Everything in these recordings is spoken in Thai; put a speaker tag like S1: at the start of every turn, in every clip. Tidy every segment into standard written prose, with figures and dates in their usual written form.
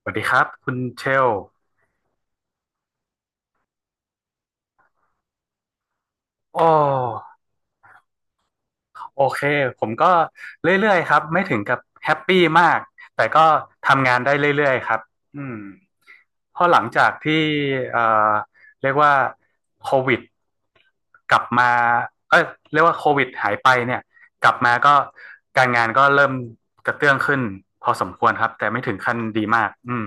S1: สวัสดีครับคุณเชลโอ้โอเคผมก็เรื่อยๆครับไม่ถึงกับแฮปปี้มากแต่ก็ทำงานได้เรื่อยๆครับอืมเพราะหลังจากที่เอ่อเรียกว่าโควิดกลับมาเอ้ยเรียกว่าโควิดหายไปเนี่ยกลับมาก็การงานก็เริ่มกระเตื้องขึ้นพอสมควรครับแต่ไม่ถึงขั้นดีมากอืม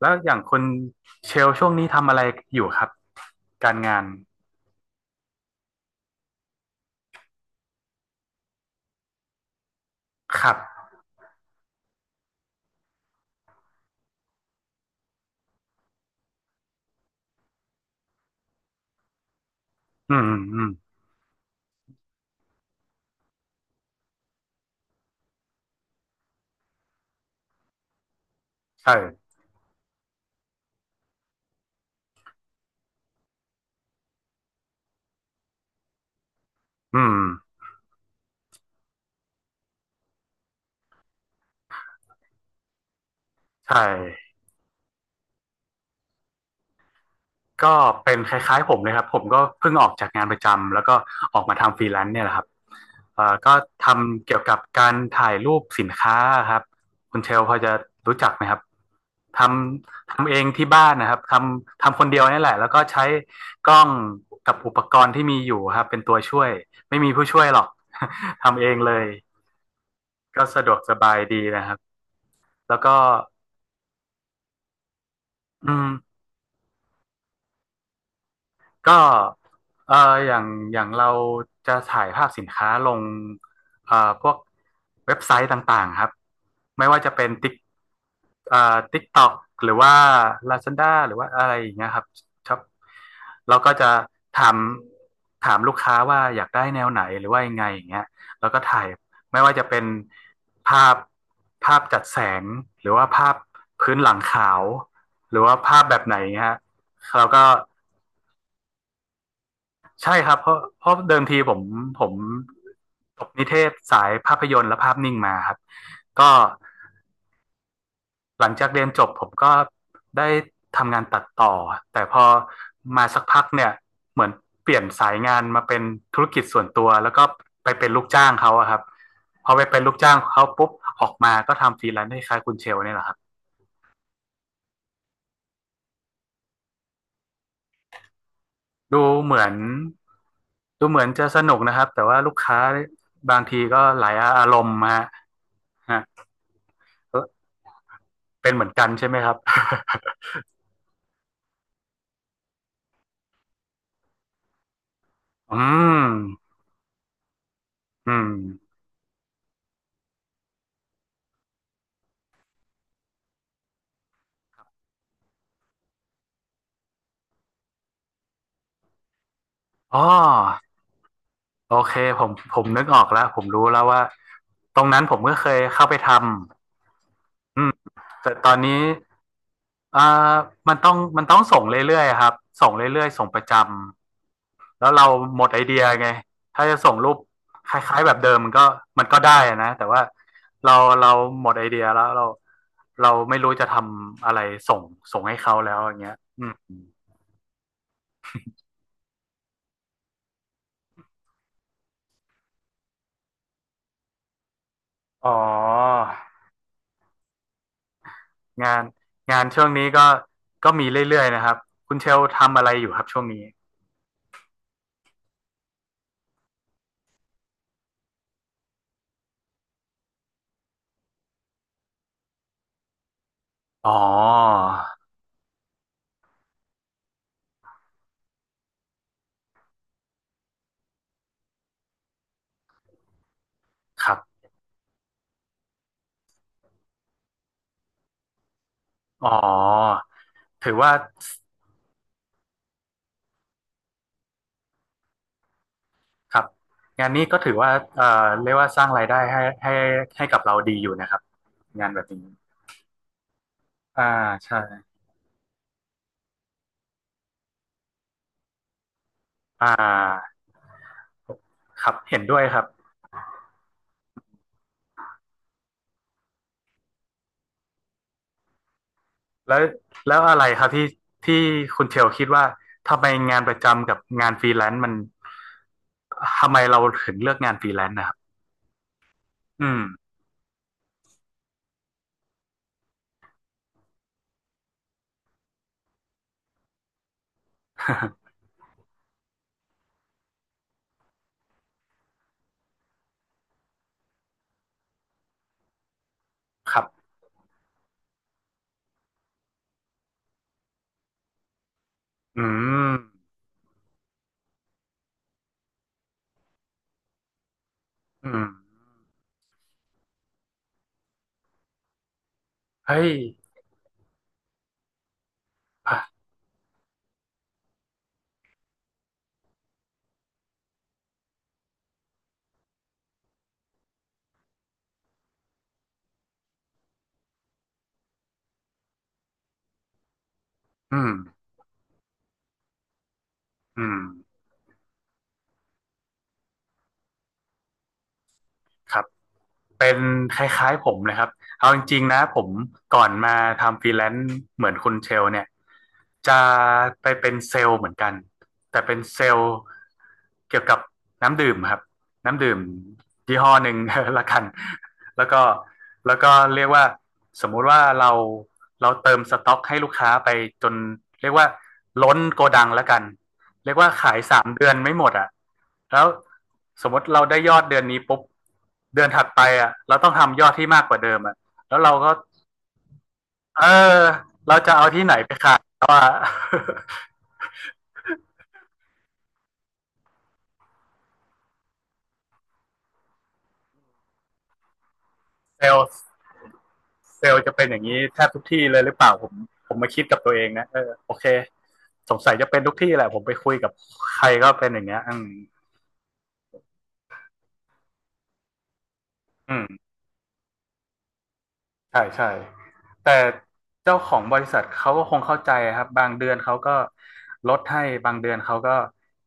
S1: แล้วอย่างคุณเชลช่วงนี้ทำอะไรอยู่ครับการงานครับ อืมอืมใช่อืมใช่ก็เป็นคล้ายๆผมเลยครับผมก็เพิ่งออกจากงานประจำแล้วก็ออกมาทำฟรีแลนซ์เนี่ยแหละครับก็ทำเกี่ยวกับการถ่ายรูปสินค้าครับคุณเชลพอจะรู้จักไหมครับททำเองที่บ้านนะครับทำคนเดียวนี่แหละแล้วก็ใช้กล้องกับอุปกรณ์ที่มีอยู่ครับเป็นตัวช่วยไม่มีผู้ช่วยหรอก ทำเองเลยก็สะดวกสบายดีนะครับแล้วก็อืม ก็เอ่ออย่างอย่างเราจะถ่ายภาพสินค้าลงเอ่อพวกเว็บไซต์ต่างๆครับไม่ว่าจะเป็นติ๊กเอ่อติ๊กต็อกหรือว่า Lazada หรือว่าอะไรอย่างเงี้ยครับครับเราก็จะถามถามลูกค้าว่าอยากได้แนวไหนหรือว่ายังไงอย่างเงี้ยแล้วก็ถ่ายไม่ว่าจะเป็นภาพภาพจัดแสงหรือว่าภาพพื้นหลังขาวหรือว่าภาพแบบไหนเงี้ยฮะเราก็ ใช่ครับเพราะเดิมทีผมผมจบนิเทศสายภาพยนตร์และภาพนิ่งมาครับก็หลังจากเรียนจบผมก็ได้ทำงานตัดต่อแต่พอมาสักพักเนี่ยเหมือนเปลี่ยนสายงานมาเป็นธุรกิจส่วนตัวแล้วก็ไปเป็นลูกจ้างเขาอะครับพอไปเป็นลูกจ้างเขาปุ๊บออกมาก็ทำฟรีแลนซ์ให้คล้ายคุณเชลเนี่ยแหละครับดูเหมือนดูเหมือนจะสนุกนะครับแต่ว่าลูกค้าบางทีก็หลายอารมณ์ฮะฮะ เป็นเหมือนกันใช่ไหมครับ อืมอืมอ๋อโอเคผมผมนึกออกแล้วผมรู้แล้วว่าตรงนั้นผมก็เคยเข้าไปทำอืมแต่ตอนนี้อ่ามันต้องส่งเรื่อยๆครับส่งเรื่อยๆส่งประจำแล้วเราหมดไอเดียไงถ้าจะส่งรูปคล้ายๆแบบเดิมมันก็ได้อะนะแต่ว่าเราเราหมดไอเดียแล้วเราไม่รู้จะทำอะไรส่งส่งให้เขาแล้วอย่างเงี้ยอืมอ๋อ งานงานช่วงนี้ก็ก็มีเรื่อยๆนะครับคุณเชลทำอะไรอยู่ครับช่วงนี้อ๋อครับอ๋อถือว่าครับงานนี้ก็ถือว่าเรียกว่าสร้างรายได้ให้ให้ให้กับเราดีอยู่นะครับงานแบบนี้อ่าใช่อ่าครับเห็นด้วยครับแล้วแล้วอะไรครับที่ที่คุณเชลคิดว่าทำไมงานประจำกับงานฟรีแลนซ์มันทำไมเราถึงเลือกงานฟรีแลนซ์นะครับอืม ครับ อืม อืมเฮ้ยอ่ะอืม อืม ครับ เป็นคล้ายๆผมนะครับเอาจริงๆนะผมก่อนมาทำฟรีแลนซ์เหมือนคุณเชลเนี่ยจะไปเป็นเซลล์เหมือนกันแต่เป็นเซลล์เกี่ยวกับน้ำดื่มครับน้ำดื่มยี่ห้อหนึ่ง ละกันแล้วก็แล้วก็เรียกว่าสมมุติว่าเราเติมสต็อกให้ลูกค้าไปจนเรียกว่าล้นโกดังละกันเรียกว่าขายสามเดือนไม่หมดอ่ะแล้ว สมมติเราได้ยอดเดือนนี้ปุ๊บเดือนถัดไปอ่ะเราต้องทำยอดที่มากกว่าเดิมอ่ะแล้วเราก็เออเราจะเอาที่ไหนไปขายว่า เซลล์เซลล์จะเป็นอย่างนี้แทบทุกที่เลยหรือเปล่าผมผมมาคิดกับตัวเองนะเออโอเคสงสัยจะเป็นทุกที่แหละผมไปคุยกับใครก็เป็นอย่างเงี้ยอืมอืม ใช่ใช่แต่เจ้าของบริษัทเขาก็คงเข้าใจครับบางเดือนเขาก็ลดให้บางเดือนเขาก็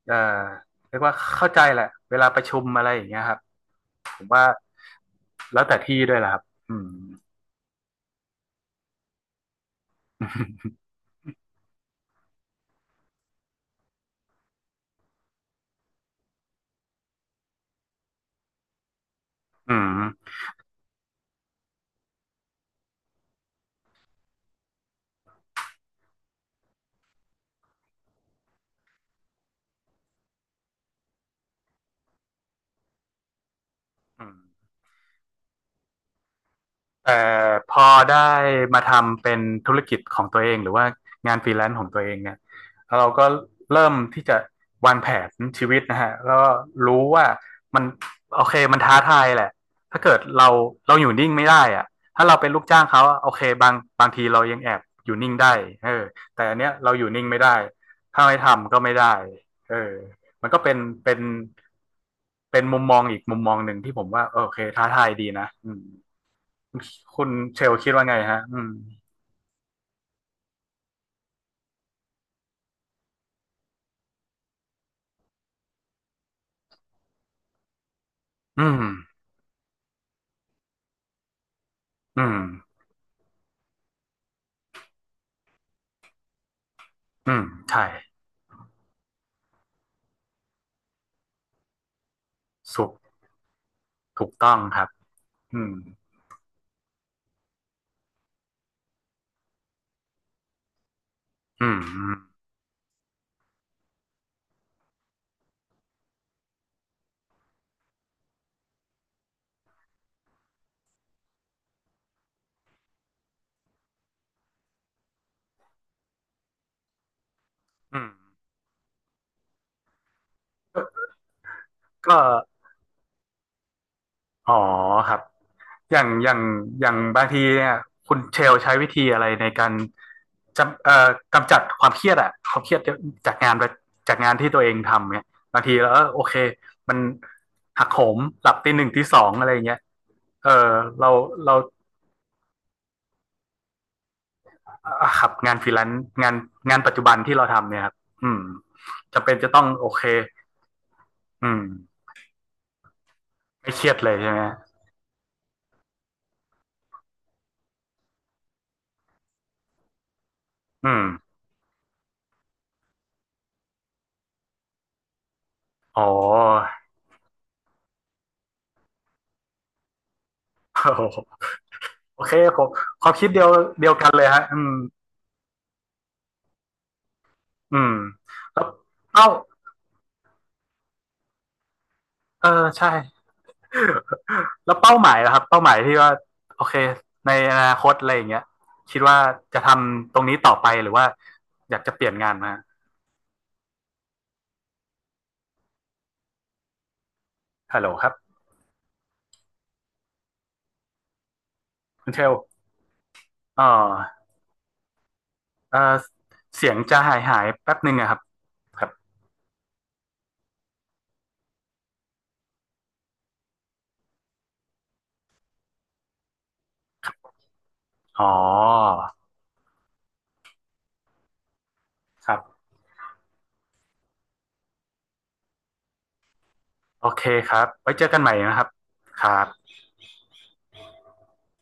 S1: เอ่อเรียกว่าเข้าใจแหละเวลาประชุมอะไรอย่างเงี้ยครับผมว่าแล้วแต่ที่ด้วยแหละครับอืม อืมอืม แต่พอได้มาทำเป็นธุรกิจของตัวเองหรือว่างานฟรีแลนซ์ของตัวเองเนี่ยเราก็เริ่มที่จะวางแผนชีวิตนะฮะแล้วก็รู้ว่ามันโอเคมันท้าทายแหละถ้าเกิดเราอยู่นิ่งไม่ได้อะถ้าเราเป็นลูกจ้างเขาโอเคบางทีเรายังแอบอยู่นิ่งได้เออแต่อันเนี้ยเราอยู่นิ่งไม่ได้ถ้าไม่ทำก็ไม่ได้เออมันก็เป็นเป็นเป็นมุมมองอีกมุมมองหนึ่งที่ผมว่าโอเคท้าทายดีนะอืม คุณเชลคิดว่าไงฮะอืมอืมอืมอืมใช่ สุกถูกต้องครับอืมอืมอืมอืมก็อ๋อครับ อย่างอย่างอย่างบางทีเนี่ยคุณเชลใช้วิธีอะไรในการจำกำจัดความเครียดอะความเครียดจากงานจากงานที่ตัวเองทำเนี่ยบางทีแล้วเออโอเค มันหักโหมหลับตีหนึ่งตีสองอะไรอย่างเงี้ยเออเราเรา อ่าครับงานฟรีแลนซ์งานงานปัจจุบันที่เราทำเนี่ยครับอืมจำเป็นจะต้องโอเคอืมไม่เครียดเลยใช่ไหมอืมอ๋อ โอโหโอเคผมความคิดเดียวกันเลยฮะอืมอืมแล้วเป้าเออใช่แล้วเป้าหมายนะครับเป้าหมายที่ว่าโอเคในอนาคตอะไรอย่างเงี้ยคิดว่าจะทำตรงนี้ต่อไปหรือว่าอยากจะเปลี่ยนงานมาฮัลโหลครับคุณเชลอ๋อเออเสียงจะหายแป๊บหนึ่งอะครับครับ อ๋อครับ โอเคครับ ไว้เจอกันใหม่นะครับ ครับ